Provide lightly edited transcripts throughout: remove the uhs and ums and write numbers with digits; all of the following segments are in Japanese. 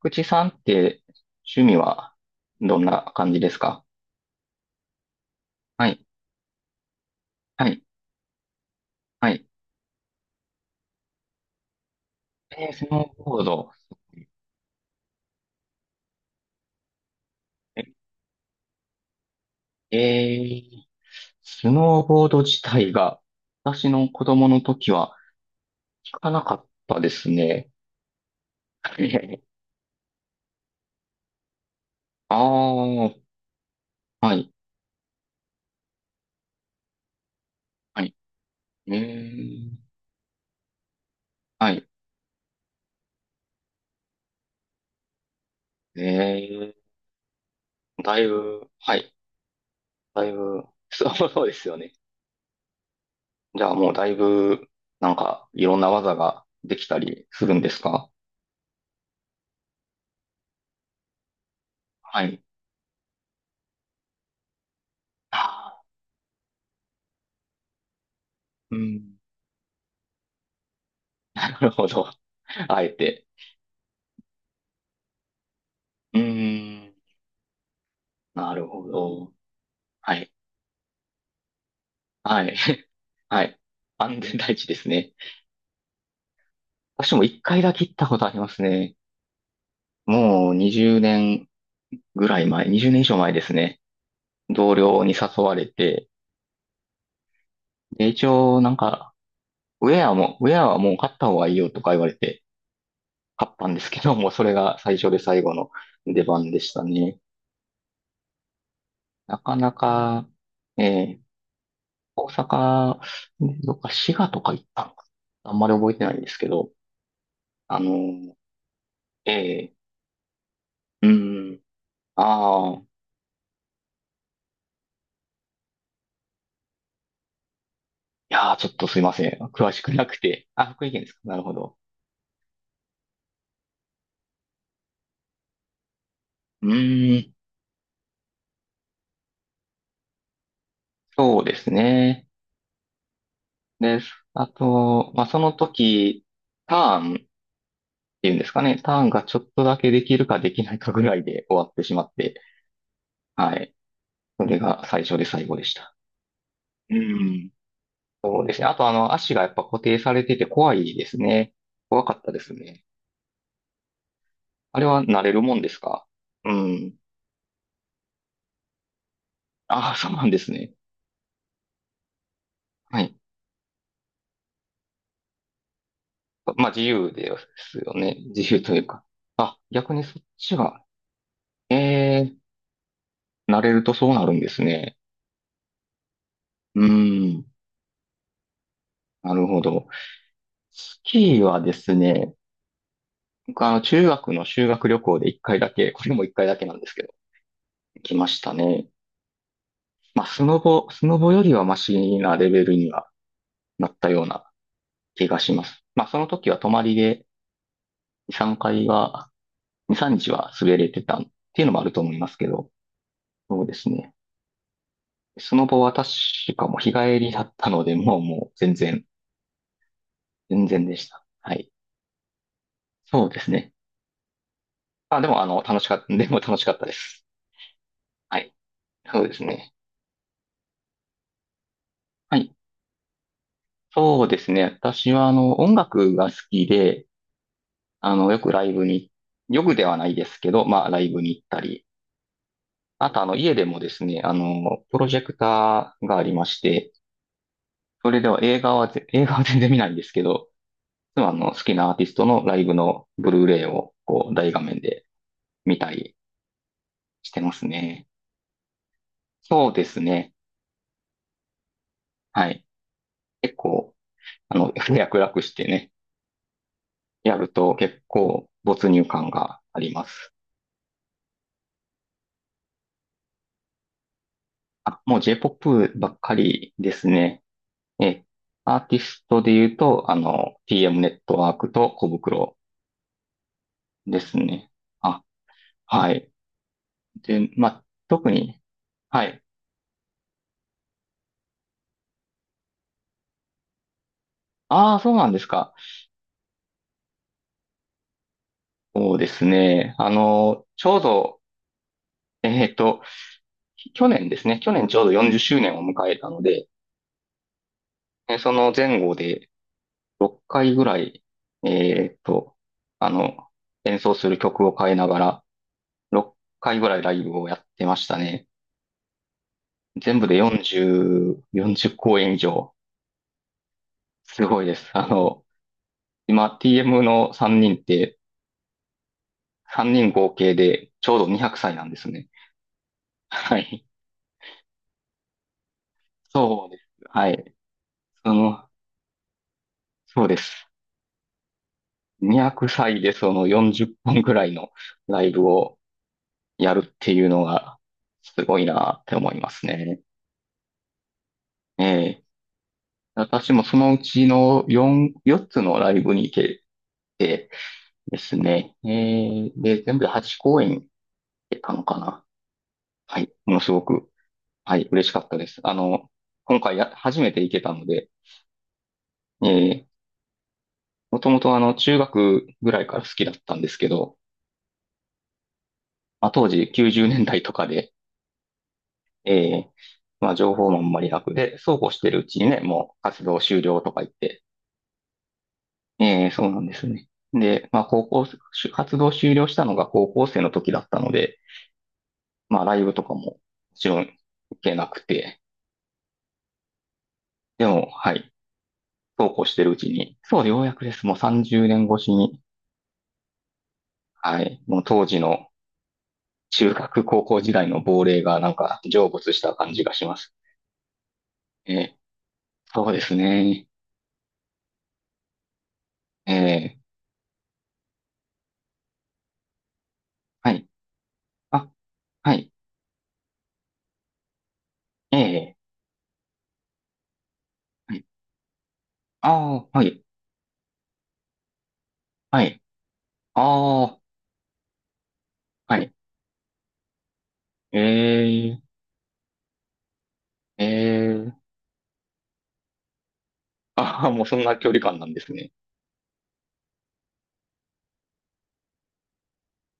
口さんって趣味はどんな感じですか？はい、はい、はい。えースノーボード。え、えースノーボード自体が私の子供の時は聞かなかったですね。ああ、はい、はい。えー、はい。えだいぶ、はい、だいぶ、そうそうですよね。じゃあもうだいぶ、なんか、いろんな技ができたりするんですか？はい。ああ、うん、なるほど。あえて。うーん。なるほど。はい。はい。はい。安全第一ですね。私も一回だけ行ったことありますね。もう20年ぐらい前、20年以上前ですね。同僚に誘われて、で、一応なんか、ウェアはもう買った方がいいよとか言われて、買ったんですけども、それが最初で最後の出番でしたね。なかなか、ええ大阪、ねどっか滋賀とか行ったのかな、あんまり覚えてないんですけど、あの、ええ、うん、ああ、いやー、ちょっとすいません。詳しくなくて。あ、福井県ですか。なるほど。うーん、そうですね。です。あと、まあ、その時、ターンっていうんですかね。ターンがちょっとだけできるかできないかぐらいで終わってしまって、はい。それが最初で最後でした。うん。そうですね。あと、あの、足がやっぱ固定されてて怖いですね。怖かったですね。あれは慣れるもんですか？うん。ああ、そうなんですね。はい。まあ、自由ですよね。自由というか。あ、逆にそっちが、ええ慣れるとそうなるんですね。うん。なるほど。スキーはですね、僕あの、中学の修学旅行で一回だけ、これも一回だけなんですけど、来ましたね。まあ、スノボよりはマシなレベルにはなったような気がします。まあ、その時は泊まりで2、3回は、2、3日は滑れてたっていうのもあると思いますけど、そうですね。スノボは確かもう日帰りだったので、もう全然、全然でした。はい。そうですね。あ、でもあの、楽しかった、でも楽しかったです。はい。そうですね。はい。そうですね。私はあの、音楽が好きで、あの、よくライブに、よくではないですけど、まあ、ライブに行ったり、あとあの、家でもですね、あの、プロジェクターがありまして、それでは映画は全然見ないんですけど、いつもあの、好きなアーティストのライブのブルーレイを、こう、大画面で見たりしてますね。そうですね。はい。結構、あの、脈絡してね、やると結構没入感があります。あ、もう J-POP ばっかりですね。え、アーティストで言うと、あの、TM ネットワークと小袋ですね。あ、はい。で、まあ、特に、はい。ああ、そうなんですか。そうですね。あの、ちょうど、えっと、去年ですね。去年ちょうど40周年を迎えたので、その前後で6回ぐらい、えっと、あの、演奏する曲を変えながら、6回ぐらいライブをやってましたね。全部で40、40公演以上。すごいです。あの、今 TM の3人って、3人合計でちょうど200歳なんですね。はい。そうです。はい。その、そうです。200歳でその40本ぐらいのライブをやるっていうのがすごいなって思いますね。ええ。私もそのうちの4、4つのライブに行けてですね。ええ、で、全部で8公演行けたのかな。はい。ものすごく、はい、嬉しかったです。あの、今回や、初めて行けたので、ええ、もともとあの、中学ぐらいから好きだったんですけど、まあ、当時90年代とかで、ええまあ、情報もあんまり楽で、そうこうしてるうちにね、もう活動終了とか言って、ええそうなんですね。で、まあ、高校、活動終了したのが高校生の時だったので、まあ、ライブとかももちろんけなくて、でも、はい、そうこうしてるうちに、そう、ようやくです。もう30年越しに、はい、もう当時の中学高校時代の亡霊がなんか成仏した感じがします。ええそうですね。ええはい。あ、はい。ええはい。ああ、はい、はい。ああ、はい。ええ、ええ、ああ、もうそんな距離感なんですね。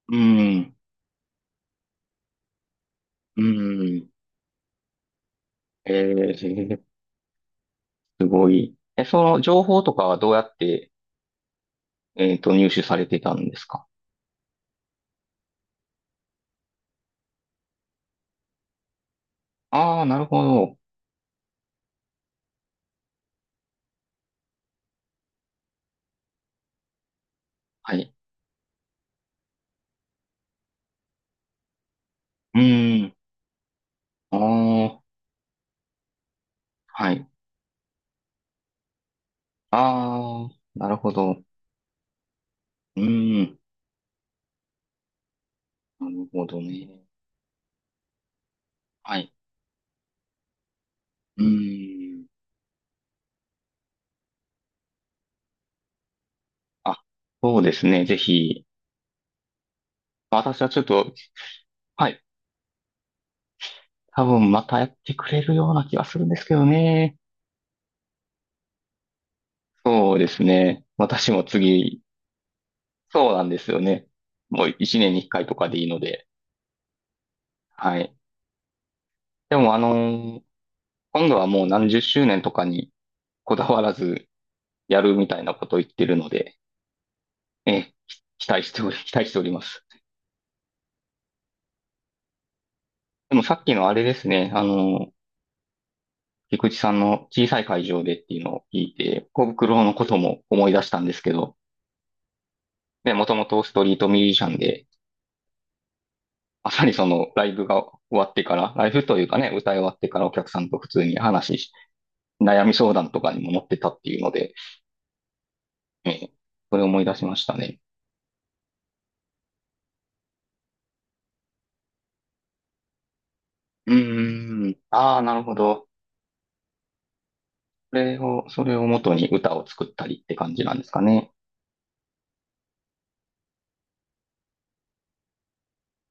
うん、うん、ええ、すごい。え、その情報とかはどうやって、入手されてたんですか？ああ、なるほど。はい。うん、ああ、はい。ああ、なるほど。うん、なるほどね。はい。うん、あ、そうですね。ぜひ、私はちょっと、はい、多分またやってくれるような気がするんですけどね。そうですね。私も次、そうなんですよね。もう一年に一回とかでいいので。はい。でもあのー今度はもう何十周年とかにこだわらずやるみたいなことを言ってるので、ええ、き期待しており、期待しております。でもさっきのあれですね、あのー菊池さんの小さい会場でっていうのを聞いて、小袋のことも思い出したんですけど、ね、もともとストリートミュージシャンで、まさにそのライブが終わってから、ライブというかね、歌い終わってからお客さんと普通に話し、悩み相談とかにも乗ってたっていうので、えー、それを思い出しましたね。うーん。ああ、なるほど。それを元に歌を作ったりって感じなんですかね。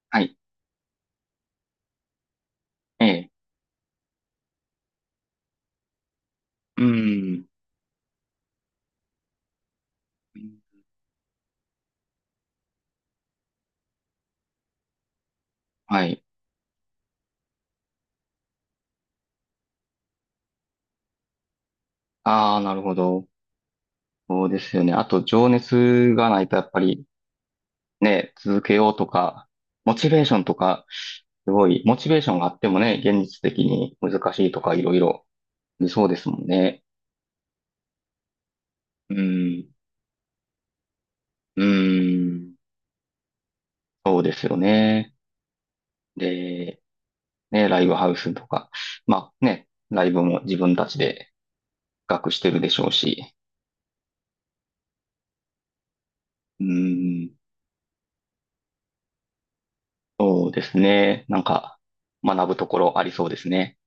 はい。ええ。うーん。はい。ああ、なるほど。そうですよね。あと、情熱がないとやっぱりね、続けようとか、モチベーションとか、すごい、モチベーションがあってもね、現実的に難しいとかいろいろありそうですもんね。うん、うん、そうですよね。で、ね、ライブハウスとか、まあね、ライブも自分たちで企画してるでしょうし、うん、そうですね。なんか、学ぶところありそうですね。